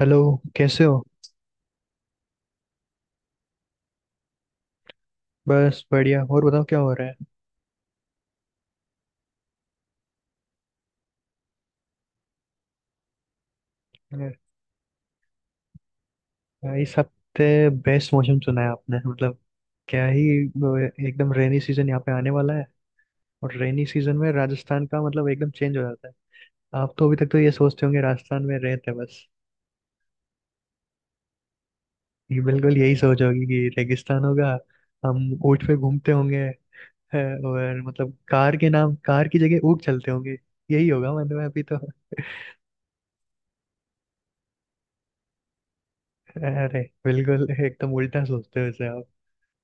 Hello. कैसे हो? बस बढ़िया। और बताओ, क्या हो रहा है? यार, इस हफ्ते बेस्ट मौसम सुना है आपने। मतलब क्या ही। वो, एकदम रेनी सीजन यहाँ पे आने वाला है। और रेनी सीजन में राजस्थान का मतलब एकदम चेंज हो जाता है। आप तो अभी तक तो ये सोचते होंगे राजस्थान में रहते बस, ये बिल्कुल यही सोच होगी कि रेगिस्तान होगा, हम ऊँट पे घूमते होंगे। है, और मतलब कार के नाम कार की जगह ऊँट चलते होंगे। यही होगा मतलब अभी तो अरे बिल्कुल एकदम उल्टा सोचते हो इसे आप।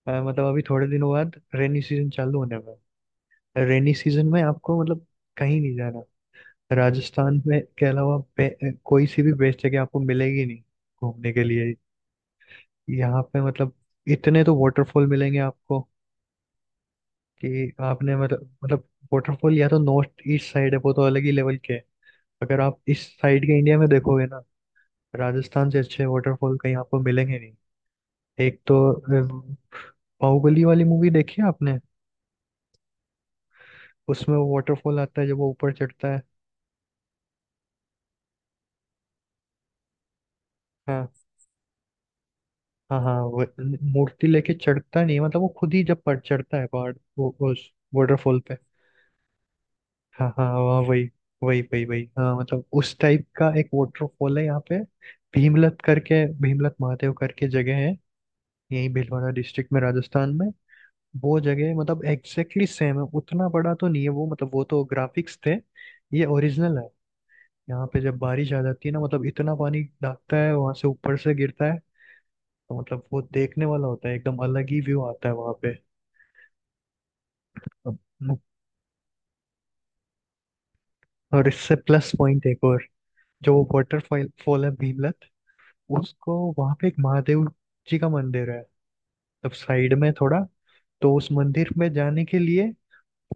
मतलब अभी थोड़े दिनों बाद रेनी सीजन चालू होने वाला है। रेनी सीजन में आपको मतलब कहीं नहीं जाना। राजस्थान में के अलावा कोई सी भी बेस्ट जगह आपको मिलेगी नहीं घूमने के लिए। यहाँ पे मतलब इतने तो वाटरफॉल मिलेंगे आपको कि आपने मतलब वाटरफॉल या तो नॉर्थ ईस्ट साइड है, वो तो अलग ही लेवल के है। अगर आप इस साइड के इंडिया में देखोगे ना, राजस्थान से अच्छे वाटरफॉल कहीं आपको मिलेंगे नहीं। एक तो बाहुबली वाली मूवी देखी है आपने? उसमें वो वाटरफॉल आता है जब वो ऊपर चढ़ता है। हाँ हाँ हाँ, वो न- मूर्ति लेके चढ़ता नहीं है, मतलब वो खुद ही जब पर चढ़ता है पहाड़ वो उस वाटरफॉल पे। हाँ हाँ वहाँ वही, वही, हाँ मतलब उस टाइप का एक वाटरफॉल है यहाँ पे। भीमलत करके, भीमलत महादेव करके जगह है, यही भीलवाड़ा डिस्ट्रिक्ट में, राजस्थान में। वो जगह मतलब एग्जैक्टली सेम है। उतना बड़ा तो नहीं है वो, मतलब वो तो ग्राफिक्स थे, ये ओरिजिनल है। यहाँ पे जब बारिश आ जाती है ना मतलब इतना पानी दागता है, वहां से ऊपर से गिरता है। तो मतलब वो देखने वाला होता है, एकदम अलग ही व्यू आता है वहां पे। अब- और इससे प्लस पॉइंट एक और, जो वाटरफॉल फॉल फॉल है भीमलत, उसको वहां पे एक महादेव जी का मंदिर है, तब साइड में थोड़ा। तो उस मंदिर में जाने के लिए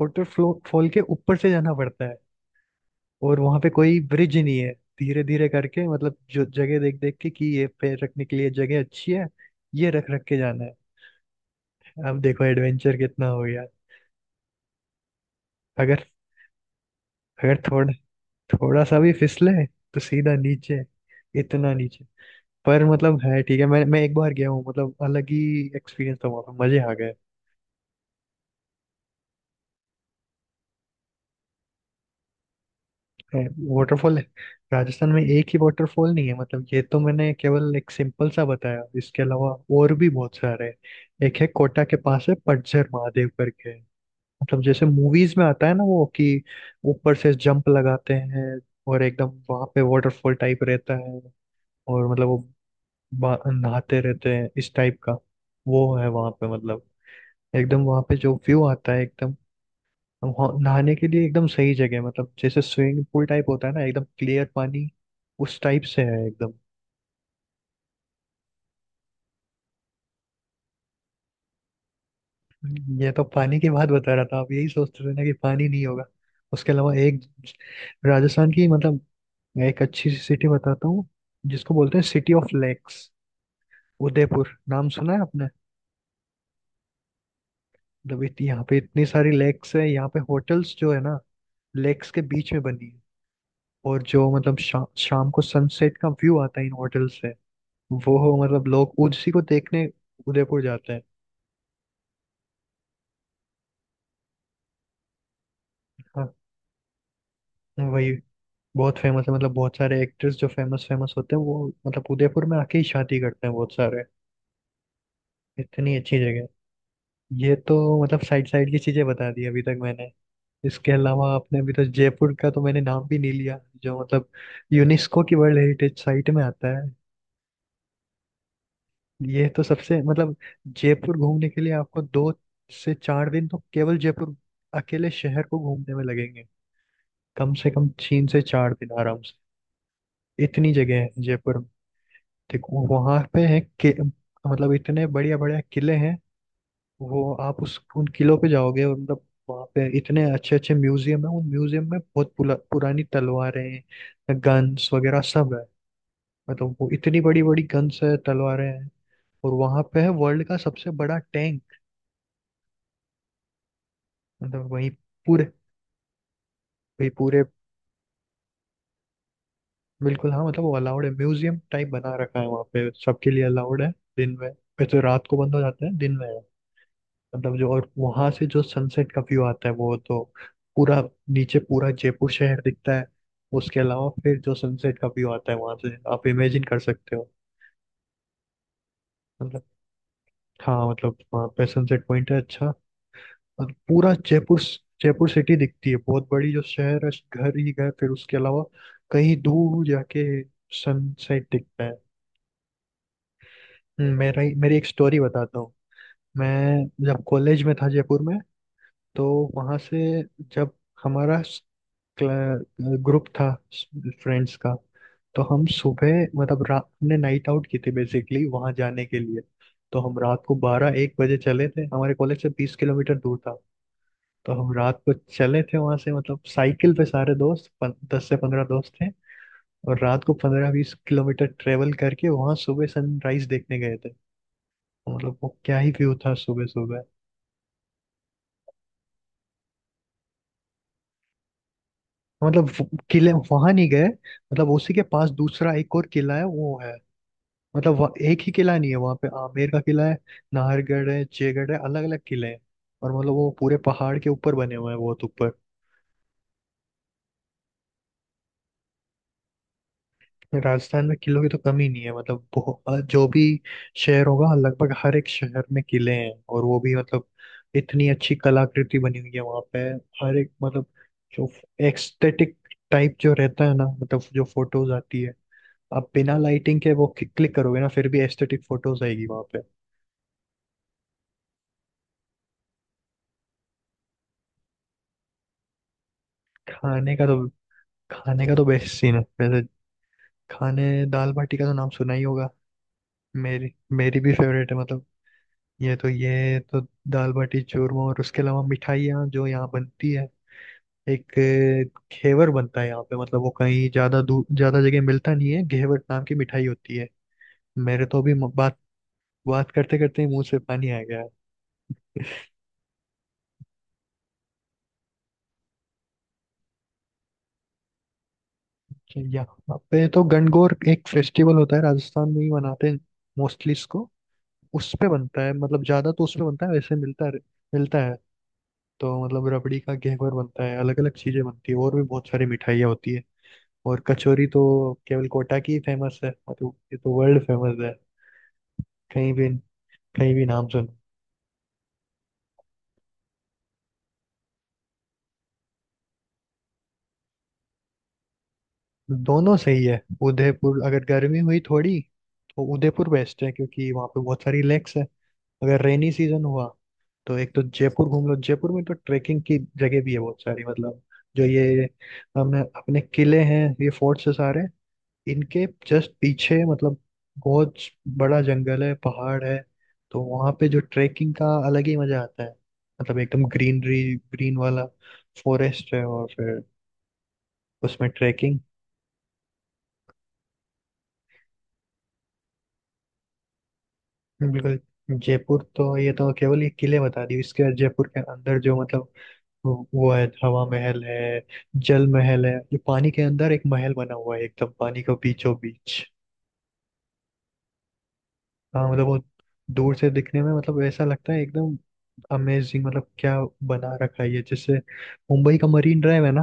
वाटरफॉल फॉल के ऊपर से जाना पड़ता है, और वहां पे कोई ब्रिज नहीं है। धीरे धीरे करके मतलब जो जगह देख देख के कि ये पैर रखने के लिए जगह अच्छी है, ये रख रख के जाना है। अब देखो एडवेंचर कितना हो गया। अगर अगर थोड़ा, थोड़ा सा भी फिसले तो सीधा नीचे, इतना नीचे। पर मतलब है ठीक है, मैं एक बार गया हूँ, मतलब अलग ही एक्सपीरियंस था, वहाँ पे मजे आ गए। वाटरफॉल है, राजस्थान में एक ही वाटरफॉल नहीं है मतलब। ये तो मैंने केवल एक सिंपल सा बताया, इसके अलावा और भी बहुत सारे हैं। एक है कोटा के पास है, पतझर महादेव करके। मतलब जैसे मूवीज में आता है ना वो कि ऊपर से जंप लगाते हैं, और एकदम वहां पे वाटरफॉल टाइप रहता है, और मतलब वो नहाते रहते हैं इस टाइप का। वो है वहां पे मतलब, एकदम वहां पे जो व्यू आता है एकदम, नहाने के लिए एकदम सही जगह है मतलब। जैसे स्विमिंग पूल टाइप होता है ना, एकदम क्लियर पानी उस टाइप से है एकदम। ये तो पानी की बात बता रहा था, आप यही सोचते थे ना कि पानी नहीं होगा। उसके अलावा एक राजस्थान की मतलब, मैं एक अच्छी सी सिटी बताता हूँ, जिसको बोलते हैं सिटी ऑफ लेक्स, उदयपुर। नाम सुना है आपने? मतलब यहाँ पे इतनी सारी लेक्स है, यहाँ पे होटल्स जो है ना लेक्स के बीच में बनी है। और जो मतलब शाम को सनसेट का व्यू आता है इन होटल्स से, वो हो मतलब लोग उसी को देखने उदयपुर जाते हैं। हाँ वही, बहुत फेमस है मतलब। बहुत सारे एक्टर्स जो फेमस फेमस होते हैं वो मतलब उदयपुर में आके ही शादी करते हैं बहुत सारे, इतनी अच्छी जगह है। ये तो मतलब साइड साइड की चीजें बता दी अभी तक मैंने। इसके अलावा आपने, अभी तो जयपुर का तो मैंने नाम भी नहीं लिया, जो मतलब यूनेस्को की वर्ल्ड हेरिटेज साइट में आता है। ये तो सबसे मतलब, जयपुर घूमने के लिए आपको दो से चार दिन तो केवल जयपुर अकेले शहर को घूमने में लगेंगे, कम से कम तीन से चार दिन आराम से। इतनी जगह है जयपुर में। देखो वहां पे है कि मतलब इतने बढ़िया बढ़िया किले हैं। वो आप उस उन किलों पे जाओगे, और मतलब वहाँ पे इतने अच्छे अच्छे म्यूजियम है। उन म्यूजियम में बहुत पुरानी तलवारें हैं, गन्स वगैरह सब है। मतलब वो इतनी बड़ी बड़ी गन्स है, तलवारें हैं। और वहां पे है वर्ल्ड का सबसे बड़ा टैंक। मतलब पूरे वही पूरे। बिल्कुल हाँ, मतलब वो अलाउड है, म्यूजियम टाइप बना रखा है, वहाँ पे सबके लिए अलाउड है दिन में। ये तो रात को बंद हो जाता है, दिन में है। मतलब जो, और वहां से जो सनसेट का व्यू आता है वो तो, पूरा नीचे पूरा जयपुर शहर दिखता है। उसके अलावा फिर जो सनसेट का व्यू आता है वहां से आप इमेजिन कर सकते हो मतलब। हाँ मतलब वहाँ पे सनसेट पॉइंट है अच्छा, और पूरा जयपुर, जयपुर सिटी दिखती है। बहुत बड़ी जो शहर है, घर ही घर। फिर उसके अलावा कहीं दूर जाके सनसेट दिखता है। मेरी एक स्टोरी बताता हूँ। मैं जब कॉलेज में था जयपुर में, तो वहाँ से जब हमारा ग्रुप था फ्रेंड्स का, तो हम सुबह मतलब, रात हमने नाइट आउट की थी बेसिकली वहाँ जाने के लिए। तो हम रात को 12-1 बजे चले थे, हमारे कॉलेज से 20 किलोमीटर दूर था। तो हम रात को चले थे वहाँ से, मतलब साइकिल पे सारे दोस्त, 10 से 15 दोस्त थे। और रात को 15-20 किलोमीटर ट्रेवल करके वहाँ सुबह सनराइज देखने गए थे। तो मतलब वो क्या ही व्यू था सुबह सुबह। मतलब वो किले वहां नहीं गए, मतलब उसी के पास दूसरा एक और किला है वो है। मतलब एक ही किला नहीं है, वहां पे आमेर का किला है, नाहरगढ़ है, जयगढ़ है, अलग अलग किले हैं। और मतलब वो पूरे पहाड़ के ऊपर बने हुए हैं, बहुत ऊपर। राजस्थान में किलों की तो कमी नहीं है मतलब। जो भी शहर होगा लगभग हर एक शहर में किले हैं, और वो भी मतलब इतनी अच्छी कलाकृति बनी हुई है वहां पे। हर एक मतलब, जो एक्सथेटिक टाइप जो रहता है ना मतलब, जो फोटोज आती है, आप बिना लाइटिंग के वो क्लिक करोगे ना फिर भी एस्थेटिक फोटोज आएगी वहां पे। खाने का तो, खाने का तो बेस्ट सीन है वैसे खाने। दाल बाटी का तो नाम सुना ही होगा। मेरी मेरी भी फेवरेट है मतलब। ये तो दाल बाटी चूरमा, और उसके अलावा मिठाइयाँ जो यहाँ बनती है। एक घेवर बनता है यहाँ पे, मतलब वो कहीं ज्यादा दूर ज्यादा जगह मिलता नहीं है। घेवर नाम की मिठाई होती है। मेरे तो अभी म- बात बात करते करते ही मुंह से पानी आ गया। यहाँ पे तो गणगौर एक फेस्टिवल होता है राजस्थान में ही मनाते हैं मोस्टली इसको, उस पे बनता है मतलब ज्यादा। तो उस पे बनता है, वैसे मिलता है, मिलता है। तो मतलब रबड़ी का घेवर बनता है, अलग अलग चीजें बनती है और भी बहुत सारी मिठाइयाँ होती है। और कचौरी तो केवल कोटा की फेमस है, मतलब ये तो वर्ल्ड फेमस है। कहीं भी, कहीं भी नाम सुनो। दोनों सही है। उदयपुर अगर गर्मी हुई थोड़ी, तो उदयपुर बेस्ट है क्योंकि वहाँ पे बहुत सारी लेक्स है। अगर रेनी सीजन हुआ तो एक तो जयपुर घूम लो। जयपुर में तो ट्रेकिंग की जगह भी है बहुत सारी, मतलब जो ये हम अपने किले हैं, ये फोर्ट्स है सारे, इनके जस्ट पीछे मतलब बहुत बड़ा जंगल है, पहाड़ है। तो वहाँ पे जो ट्रेकिंग का अलग ही मजा आता है, मतलब एकदम ग्रीनरी, ग्रीन वाला फॉरेस्ट है, और फिर उसमें ट्रेकिंग। बिल्कुल, जयपुर तो, ये तो केवल ये किले बता दी। इसके जयपुर के अंदर जो मतलब वो है हवा महल है, जल महल है, जो पानी के अंदर एक महल बना हुआ है एकदम पानी के बीचों बीच। हाँ मतलब वो दूर से दिखने में मतलब ऐसा लगता है एकदम अमेजिंग, मतलब क्या बना रखा है। ये जैसे मुंबई का मरीन ड्राइव है ना,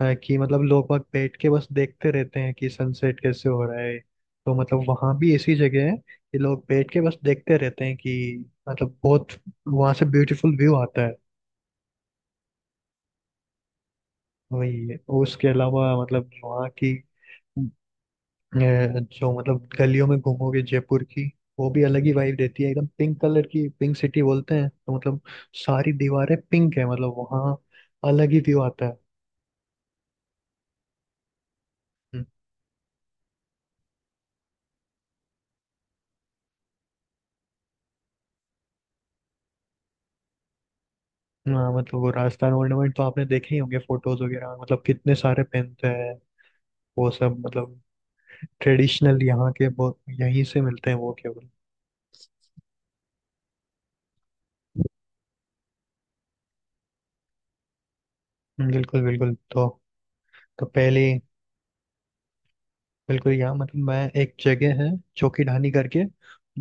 कि मतलब लोग वहाँ बैठ के बस देखते रहते हैं कि सनसेट कैसे हो रहा है, तो मतलब वहाँ भी ऐसी जगह है कि लोग बैठ के बस देखते रहते हैं कि मतलब बहुत वहाँ से ब्यूटीफुल व्यू आता है। वही है। उसके अलावा मतलब वहाँ की जो मतलब गलियों में घूमोगे जयपुर की, वो भी अलग ही वाइब देती है। एकदम पिंक कलर की, पिंक सिटी बोलते हैं तो मतलब सारी दीवारें पिंक है, मतलब वहाँ अलग ही व्यू आता है। हम्म, हाँ मतलब वो राजस्थान ऑर्नामेंट तो आपने देखे ही होंगे फोटोज वगैरह में, मतलब कितने सारे पहनते हैं वो सब, मतलब ट्रेडिशनल यहाँ के बहुत यहीं से मिलते हैं वो केवल। बिल्कुल बिल्कुल। तो पहले, बिल्कुल यहाँ मतलब, मैं, एक जगह है चौकीढानी करके,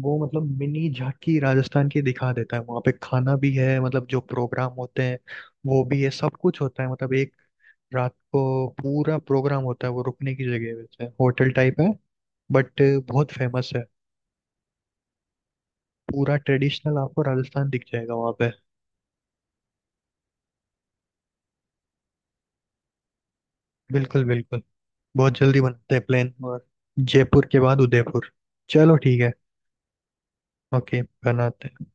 वो मतलब मिनी झांकी राजस्थान की दिखा देता है वहाँ पे। खाना भी है, मतलब जो प्रोग्राम होते हैं वो भी है, सब कुछ होता है मतलब। एक रात को पूरा प्रोग्राम होता है, वो रुकने की जगह है वैसे, होटल टाइप है, बट बहुत फेमस है। पूरा ट्रेडिशनल आपको राजस्थान दिख जाएगा वहाँ पे। बिल्कुल बिल्कुल, बहुत जल्दी बनाते हैं प्लान, और जयपुर के बाद उदयपुर। चलो ठीक है, ओके बनाते हैं।